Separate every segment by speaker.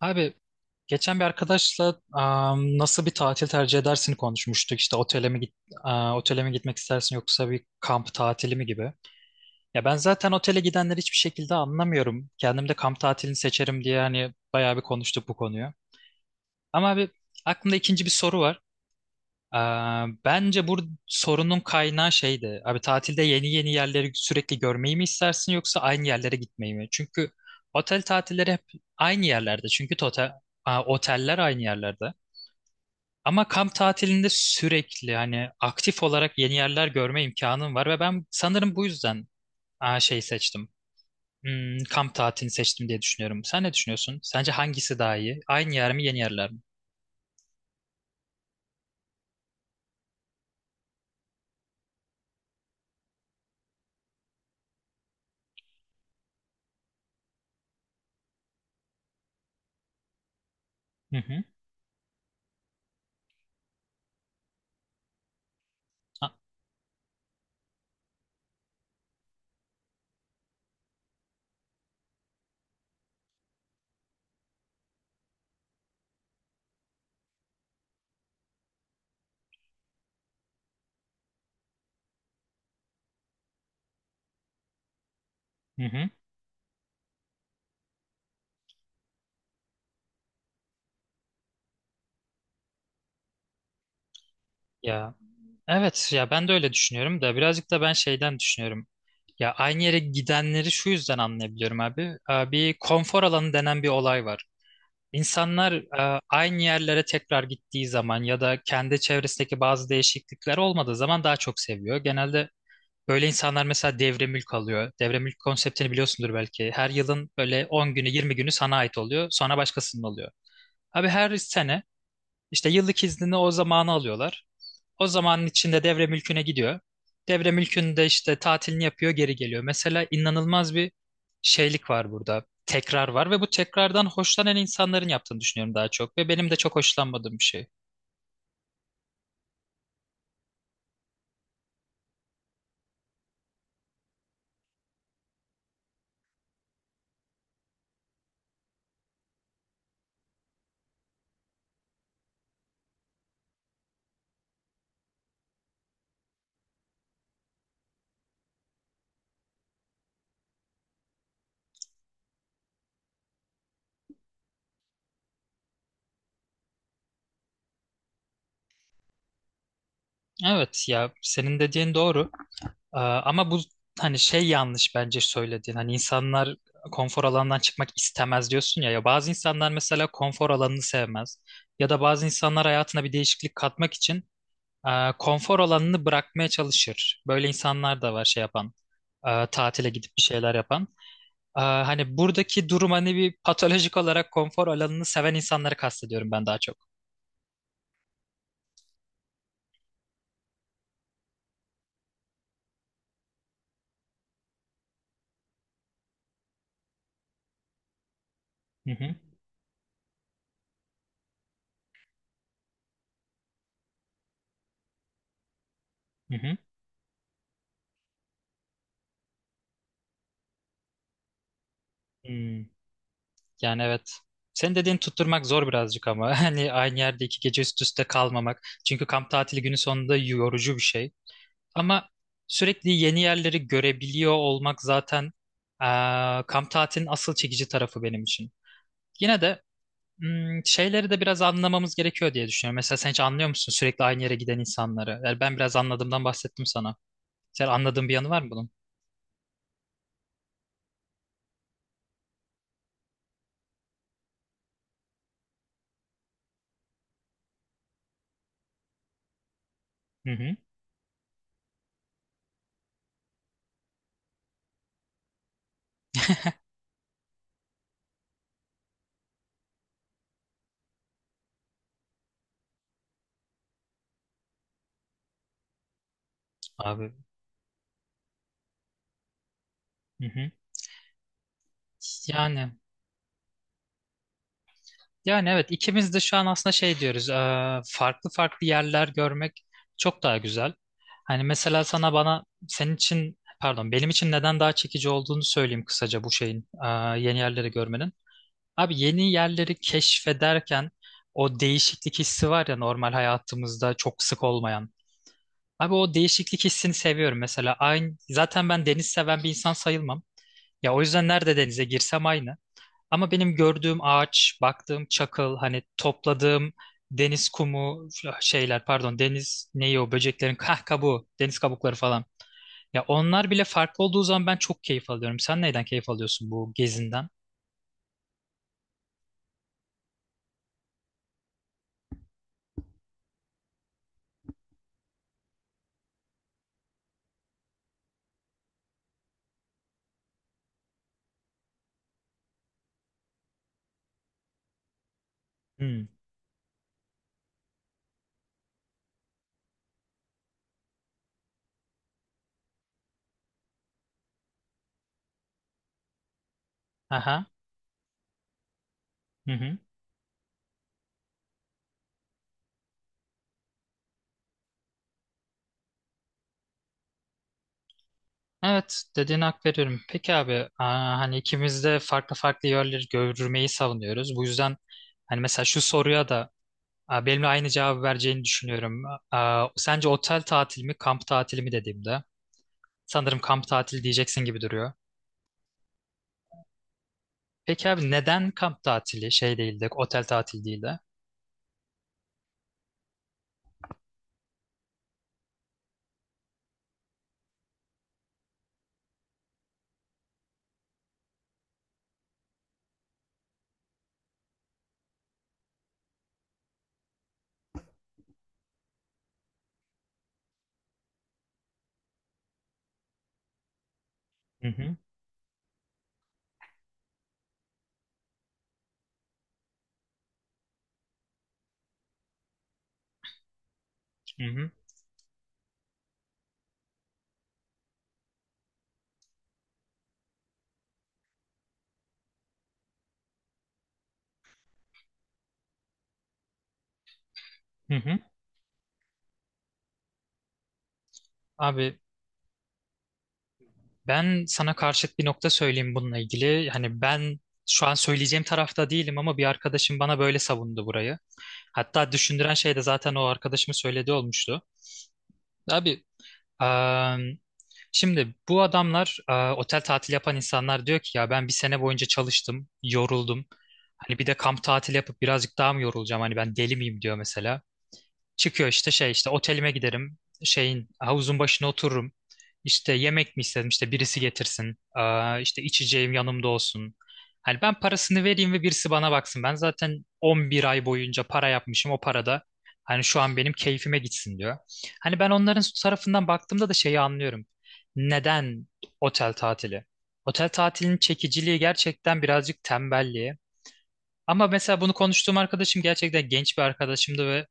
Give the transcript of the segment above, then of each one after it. Speaker 1: Abi geçen bir arkadaşla nasıl bir tatil tercih edersin konuşmuştuk. İşte otele mi gitmek istersin yoksa bir kamp tatili mi gibi. Ya ben zaten otele gidenleri hiçbir şekilde anlamıyorum. Kendim de kamp tatilini seçerim diye hani bayağı bir konuştuk bu konuyu. Ama abi aklımda ikinci bir soru var. Ee, Bence bu sorunun kaynağı şeydi. Abi tatilde yeni yeni yerleri sürekli görmeyi mi istersin yoksa aynı yerlere gitmeyi mi? Çünkü otel tatilleri hep aynı yerlerde. Çünkü oteller aynı yerlerde. Ama kamp tatilinde sürekli hani aktif olarak yeni yerler görme imkanım var ve ben sanırım bu yüzden şey seçtim. Kamp tatilini seçtim diye düşünüyorum. Sen ne düşünüyorsun? Sence hangisi daha iyi? Aynı yer mi, yeni yerler mi? Hı hı. Ha. Hı hı. Ya. Evet ya ben de öyle düşünüyorum da birazcık da ben şeyden düşünüyorum. Ya aynı yere gidenleri şu yüzden anlayabiliyorum abi. Bir konfor alanı denen bir olay var. İnsanlar aynı yerlere tekrar gittiği zaman ya da kendi çevresindeki bazı değişiklikler olmadığı zaman daha çok seviyor. Genelde böyle insanlar mesela devre mülk alıyor. Devre mülk konseptini biliyorsundur belki. Her yılın böyle 10 günü 20 günü sana ait oluyor, sonra başkasının oluyor. Abi her sene işte yıllık iznini o zamanı alıyorlar. O zamanın içinde devre mülküne gidiyor. Devre mülkünde işte tatilini yapıyor, geri geliyor. Mesela inanılmaz bir şeylik var burada. Tekrar var ve bu tekrardan hoşlanan insanların yaptığını düşünüyorum daha çok ve benim de çok hoşlanmadığım bir şey. Evet ya senin dediğin doğru. Ama bu hani şey yanlış bence söylediğin. Hani insanlar konfor alanından çıkmak istemez diyorsun ya. Ya bazı insanlar mesela konfor alanını sevmez. Ya da bazı insanlar hayatına bir değişiklik katmak için konfor alanını bırakmaya çalışır. Böyle insanlar da var, şey yapan, tatile gidip bir şeyler yapan. Hani buradaki durum hani bir patolojik olarak konfor alanını seven insanları kastediyorum ben daha çok. Hı hı, hı hı. Hmm, Yani evet. Senin dediğin tutturmak zor birazcık ama hani aynı yerde 2 gece üst üste kalmamak. Çünkü kamp tatili günü sonunda yorucu bir şey. Ama sürekli yeni yerleri görebiliyor olmak zaten e, kamp tatilinin asıl çekici tarafı benim için. Yine de şeyleri de biraz anlamamız gerekiyor diye düşünüyorum. Mesela sen hiç anlıyor musun sürekli aynı yere giden insanları? Yani ben biraz anladığımdan bahsettim sana. Sen anladığın bir yanı var mı bunun? Hı hı. Abi. Hı hı. Yani yani evet, ikimiz de şu an aslında şey diyoruz. Farklı farklı yerler görmek çok daha güzel. Hani mesela sana, bana, senin için pardon benim için neden daha çekici olduğunu söyleyeyim kısaca bu şeyin, yeni yerleri görmenin. Abi yeni yerleri keşfederken o değişiklik hissi var ya, normal hayatımızda çok sık olmayan. Abi o değişiklik hissini seviyorum mesela. Aynı, zaten ben deniz seven bir insan sayılmam. Ya o yüzden nerede denize girsem aynı. Ama benim gördüğüm ağaç, baktığım çakıl, hani topladığım deniz kumu, şeyler pardon deniz neyi, o böceklerin kabuğu, deniz kabukları falan. Ya onlar bile farklı olduğu zaman ben çok keyif alıyorum. Sen neyden keyif alıyorsun bu gezinden? Hmm. Aha. Hı hı. Evet, dediğine hak veriyorum. Peki abi, hani ikimiz de farklı farklı yerleri görmeyi savunuyoruz. Bu yüzden hani mesela şu soruya da benimle aynı cevabı vereceğini düşünüyorum. Sence otel tatili mi, kamp tatili mi dediğimde sanırım kamp tatili diyeceksin gibi duruyor. Peki abi neden kamp tatili şey değil de, otel tatili değil de? Hı hı, hı hı, hı hı. Abi, ben sana karşıt bir nokta söyleyeyim bununla ilgili. Hani ben şu an söyleyeceğim tarafta değilim ama bir arkadaşım bana böyle savundu burayı. Hatta düşündüren şey de zaten o arkadaşımın söylediği olmuştu. Abi eee, şimdi bu adamlar, otel tatili yapan insanlar, diyor ki ya ben bir sene boyunca çalıştım, yoruldum. Hani bir de kamp tatili yapıp birazcık daha mı yorulacağım? Hani ben deli miyim diyor mesela. Çıkıyor işte, şey işte, otelime giderim. Şeyin havuzun başına otururum. İşte yemek mi istedim, işte birisi getirsin. İşte içeceğim yanımda olsun. Hani ben parasını vereyim ve birisi bana baksın. Ben zaten 11 ay boyunca para yapmışım o parada. Hani şu an benim keyfime gitsin diyor. Hani ben onların tarafından baktığımda da şeyi anlıyorum. Neden otel tatili? Otel tatilinin çekiciliği gerçekten birazcık tembelliğe. Ama mesela bunu konuştuğum arkadaşım gerçekten genç bir arkadaşımdı ve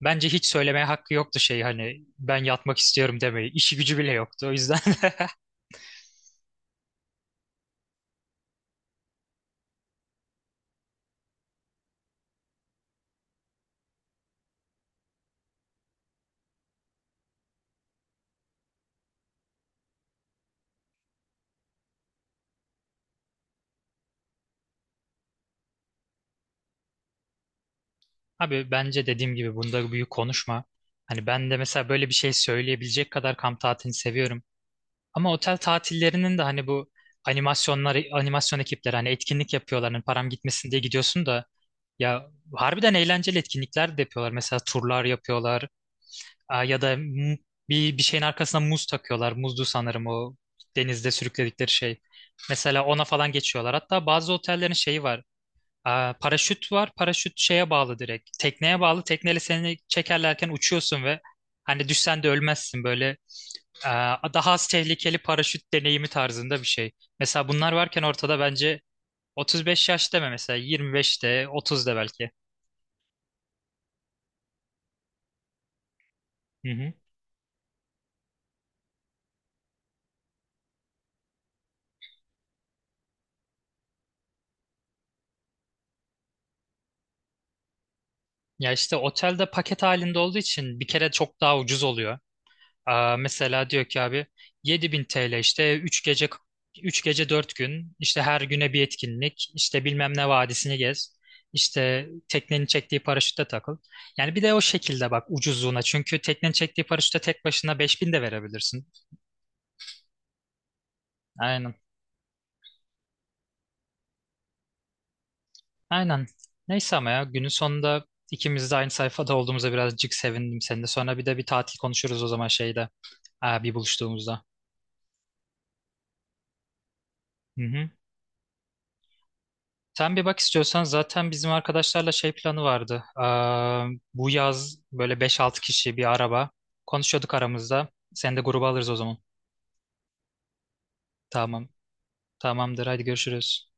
Speaker 1: bence hiç söylemeye hakkı yoktu şey, hani ben yatmak istiyorum demeyi. İşi gücü bile yoktu o yüzden. Abi bence dediğim gibi bunda büyük konuşma. Hani ben de mesela böyle bir şey söyleyebilecek kadar kamp tatilini seviyorum. Ama otel tatillerinin de hani bu animasyonlar, animasyon ekipleri hani etkinlik yapıyorlar. Hani param gitmesin diye gidiyorsun da. Ya harbiden eğlenceli etkinlikler de yapıyorlar. Mesela turlar yapıyorlar. Ya da bir şeyin arkasına muz takıyorlar. Muzdu sanırım o denizde sürükledikleri şey. Mesela ona falan geçiyorlar. Hatta bazı otellerin şeyi var. Paraşüt var. Paraşüt şeye bağlı direkt. Tekneye bağlı. Tekneyle seni çekerlerken uçuyorsun ve hani düşsen de ölmezsin böyle. Daha az tehlikeli paraşüt deneyimi tarzında bir şey. Mesela bunlar varken ortada bence 35 yaş deme, mesela 25'te, 30'da belki. Hı hı. Ya işte otelde paket halinde olduğu için bir kere çok daha ucuz oluyor. Mesela diyor ki abi, 7.000 TL işte üç gece 4 gün, işte her güne bir etkinlik, işte bilmem ne vadisini gez, işte teknenin çektiği paraşütte takıl. Yani bir de o şekilde bak ucuzluğuna, çünkü teknenin çektiği paraşütte tek başına 5.000 de verebilirsin. Aynen, aynen, neyse ama ya günün sonunda ikimiz de aynı sayfada olduğumuza birazcık sevindim. Seninle sonra bir de bir tatil konuşuruz o zaman, şeyde bir buluştuğumuzda. Hı hı. Sen bir bak istiyorsan, zaten bizim arkadaşlarla şey planı vardı. Bu yaz böyle beş altı kişi bir araba. Konuşuyorduk aramızda. Seni de gruba alırız o zaman. Tamam. Tamamdır. Hadi görüşürüz.